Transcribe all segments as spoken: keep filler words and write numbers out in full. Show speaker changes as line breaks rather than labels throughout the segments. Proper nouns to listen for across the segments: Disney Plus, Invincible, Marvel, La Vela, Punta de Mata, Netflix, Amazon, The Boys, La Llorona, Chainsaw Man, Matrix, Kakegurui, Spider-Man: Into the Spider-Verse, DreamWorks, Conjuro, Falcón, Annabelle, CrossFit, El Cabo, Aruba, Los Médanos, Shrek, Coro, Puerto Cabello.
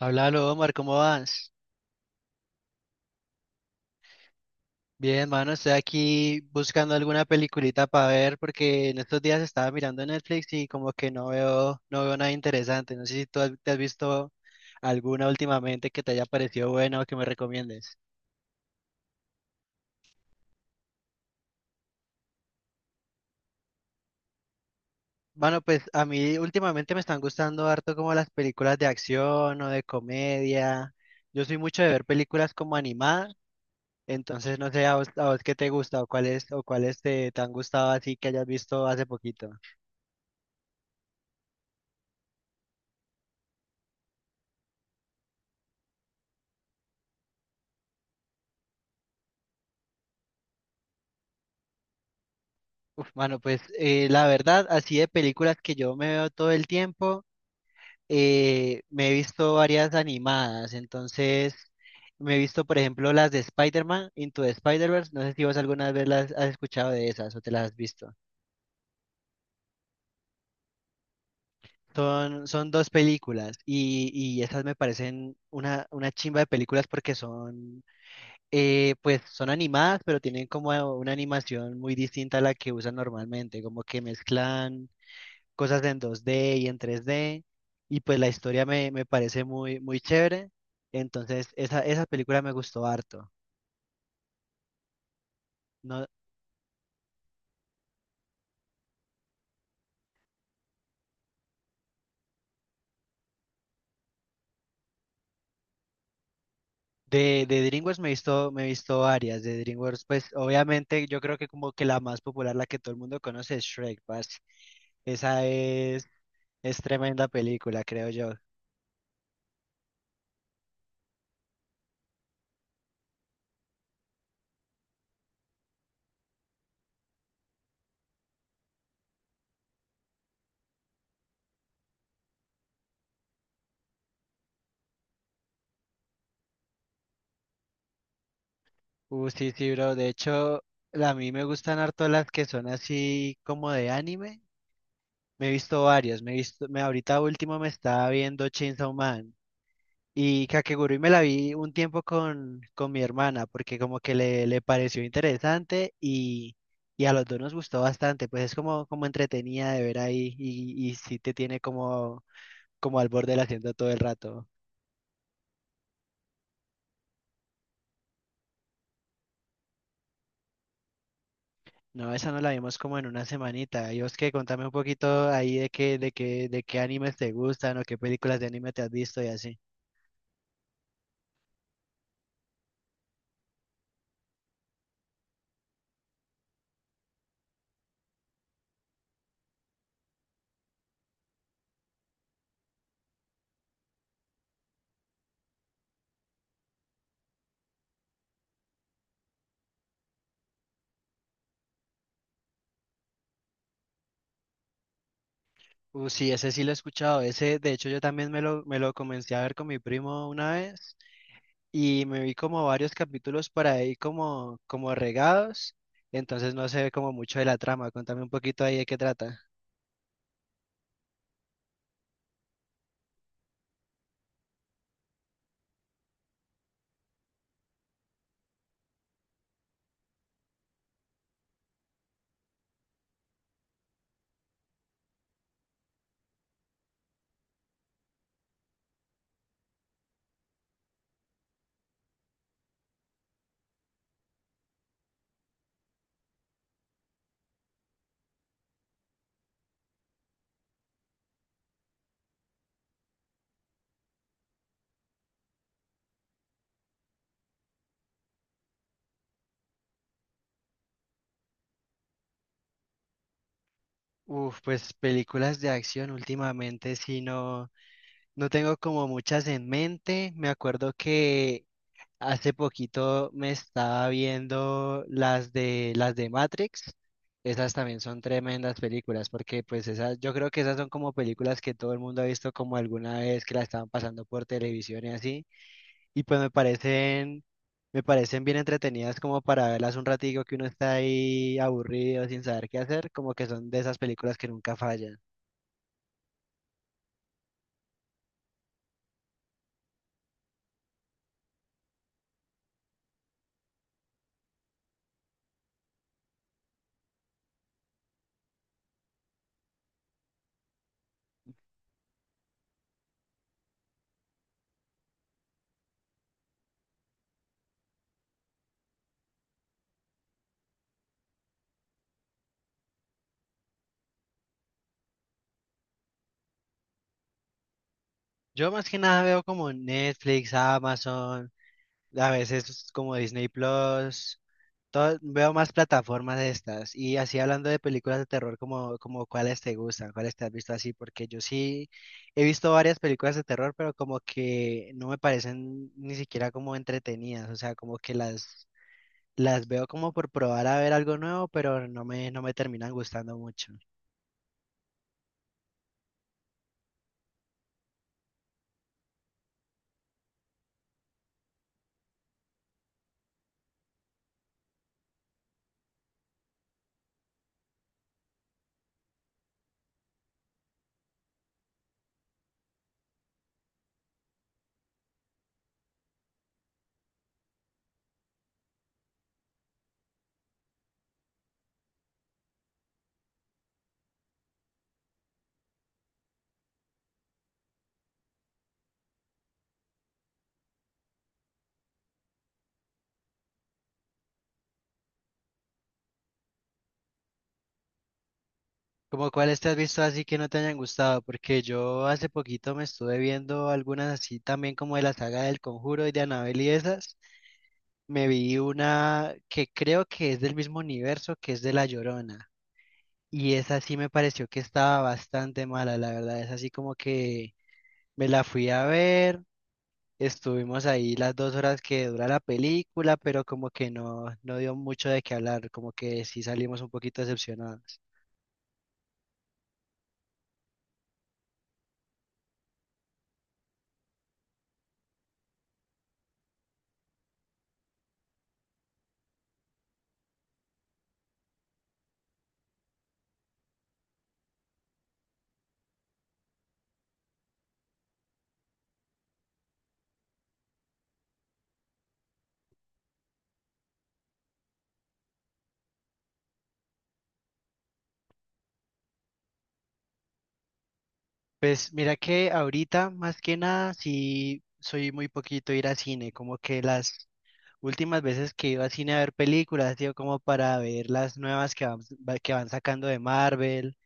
Háblalo, Omar, ¿cómo vas? Bien, mano, estoy aquí buscando alguna peliculita para ver porque en estos días estaba mirando Netflix y como que no veo, no veo nada interesante. No sé si tú has- te has visto alguna últimamente que te haya parecido buena o que me recomiendes. Bueno, pues a mí últimamente me están gustando harto como las películas de acción o de comedia. Yo soy mucho de ver películas como animadas, entonces no sé a vos, a vos qué te gusta o cuáles o cuáles te, te han gustado así que hayas visto hace poquito. Uf, mano, pues eh, la verdad, así de películas que yo me veo todo el tiempo, eh, me he visto varias animadas, entonces me he visto, por ejemplo, las de Spider-Man, Into the Spider-Verse, no sé si vos alguna vez las has escuchado de esas o te las has visto. Son, son dos películas y, y esas me parecen una, una chimba de películas porque son, eh, pues son animadas, pero tienen como una animación muy distinta a la que usan normalmente, como que mezclan cosas en dos D y en tres D, y pues la historia me, me parece muy, muy chévere, entonces esa, esa película me gustó harto. No, de, de DreamWorks me he visto, me he visto varias, de DreamWorks pues obviamente yo creo que como que la más popular, la que todo el mundo conoce es Shrek, parce. Esa es, es tremenda película, creo yo. Uh, sí, sí, bro. De hecho, a mí me gustan harto las que son así como de anime. Me he visto varias. Me he visto, me ahorita último me estaba viendo Chainsaw Man. Y Kakegurui me la vi un tiempo con, con mi hermana, porque como que le, le pareció interesante y, y a los dos nos gustó bastante, pues es como, como entretenida de ver ahí y, y sí te tiene como, como al borde del asiento todo el rato. No, esa no la vimos como en una semanita. Y vos que contame un poquito ahí de qué, de qué, de qué animes te gustan o qué películas de anime te has visto y así. Uh, sí, ese sí lo he escuchado. Ese, de hecho, yo también me lo, me lo comencé a ver con mi primo una vez. Y me vi como varios capítulos por ahí como, como regados, entonces no sé como mucho de la trama, contame un poquito ahí de qué trata. Uf, pues películas de acción últimamente sí no, no tengo como muchas en mente. Me acuerdo que hace poquito me estaba viendo las de las de Matrix. Esas también son tremendas películas, porque pues esas, yo creo que esas son como películas que todo el mundo ha visto como alguna vez que la estaban pasando por televisión y así. Y pues me parecen, me parecen bien entretenidas como para verlas un ratico que uno está ahí aburrido sin saber qué hacer, como que son de esas películas que nunca fallan. Yo más que nada veo como Netflix, Amazon, a veces como Disney Plus, todo- veo más plataformas de estas. Y así hablando de películas de terror, como, como cuáles te gustan, cuáles te has visto así, porque yo sí he visto varias películas de terror, pero como que no me parecen ni siquiera como entretenidas, o sea, como que las Las veo como por probar a ver algo nuevo, pero no me, no me terminan gustando mucho. ¿Como cuáles te has visto así que no te hayan gustado? Porque yo hace poquito me estuve viendo algunas así también como de la saga del Conjuro y de Annabelle y esas. Me vi una que creo que es del mismo universo que es de La Llorona. Y esa sí me pareció que estaba bastante mala, la verdad. Es así como que me la fui a ver. Estuvimos ahí las dos horas que dura la película, pero como que no, no dio mucho de qué hablar, como que sí salimos un poquito decepcionados. Pues mira que ahorita, más que nada, sí soy muy poquito ir a cine, como que las últimas veces que iba a cine a ver películas, ha como para ver las nuevas que van, va- que van sacando de Marvel,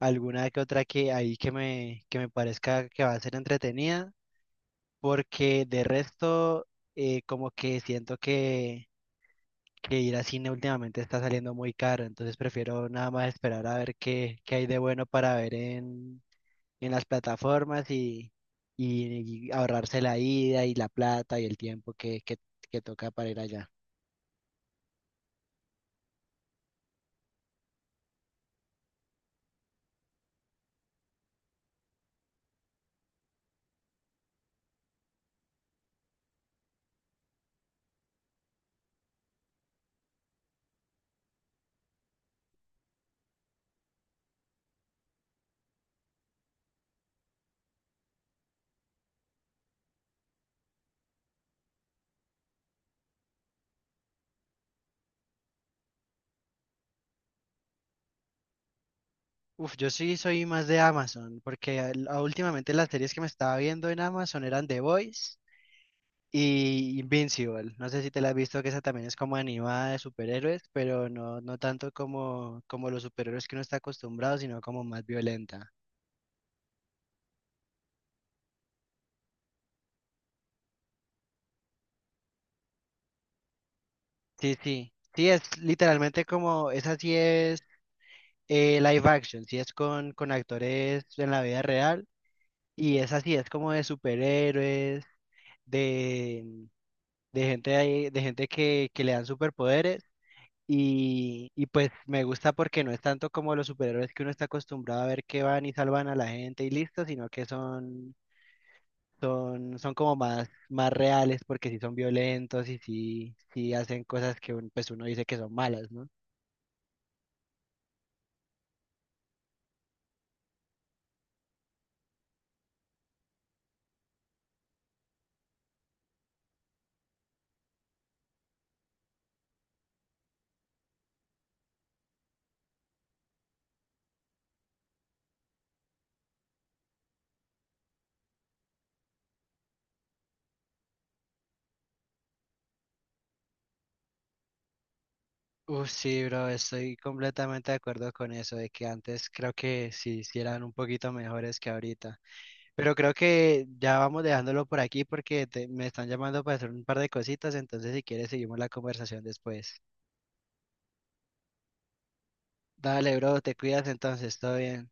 alguna que otra que ahí que me, que me parezca que va a ser entretenida, porque de resto, eh, como que siento que que ir a cine últimamente está saliendo muy caro, entonces prefiero nada más esperar a ver qué, qué hay de bueno para ver en, en las plataformas y, y, y ahorrarse la ida y la plata y el tiempo que, que, que toca para ir allá. Uf, yo sí soy más de Amazon, porque al- a- últimamente las series que me estaba viendo en Amazon eran The Boys y Invincible. No sé si te la has visto, que esa también es como animada de superhéroes, pero no, no tanto como, como los superhéroes que uno está acostumbrado, sino como más violenta. Sí, sí, sí, es literalmente como, esa sí es eh, live action, sí es con, con actores en la vida real y esa sí es como de superhéroes, de, de gente, ahí- de gente que, que le dan superpoderes y, y pues me gusta porque no es tanto como los superhéroes que uno está acostumbrado a ver que van y salvan a la gente y listo, sino que son, son, son como más, más reales porque sí son violentos y sí, sí hacen cosas que un- pues uno dice que son malas, ¿no? Uf, sí, bro, estoy completamente de acuerdo con eso, de que antes creo que sí, sí eran un poquito mejores que ahorita. Pero creo que ya vamos dejándolo por aquí porque te- me están llamando para hacer un par de cositas, entonces si quieres seguimos la conversación después. Dale, bro, te cuidas entonces, todo bien.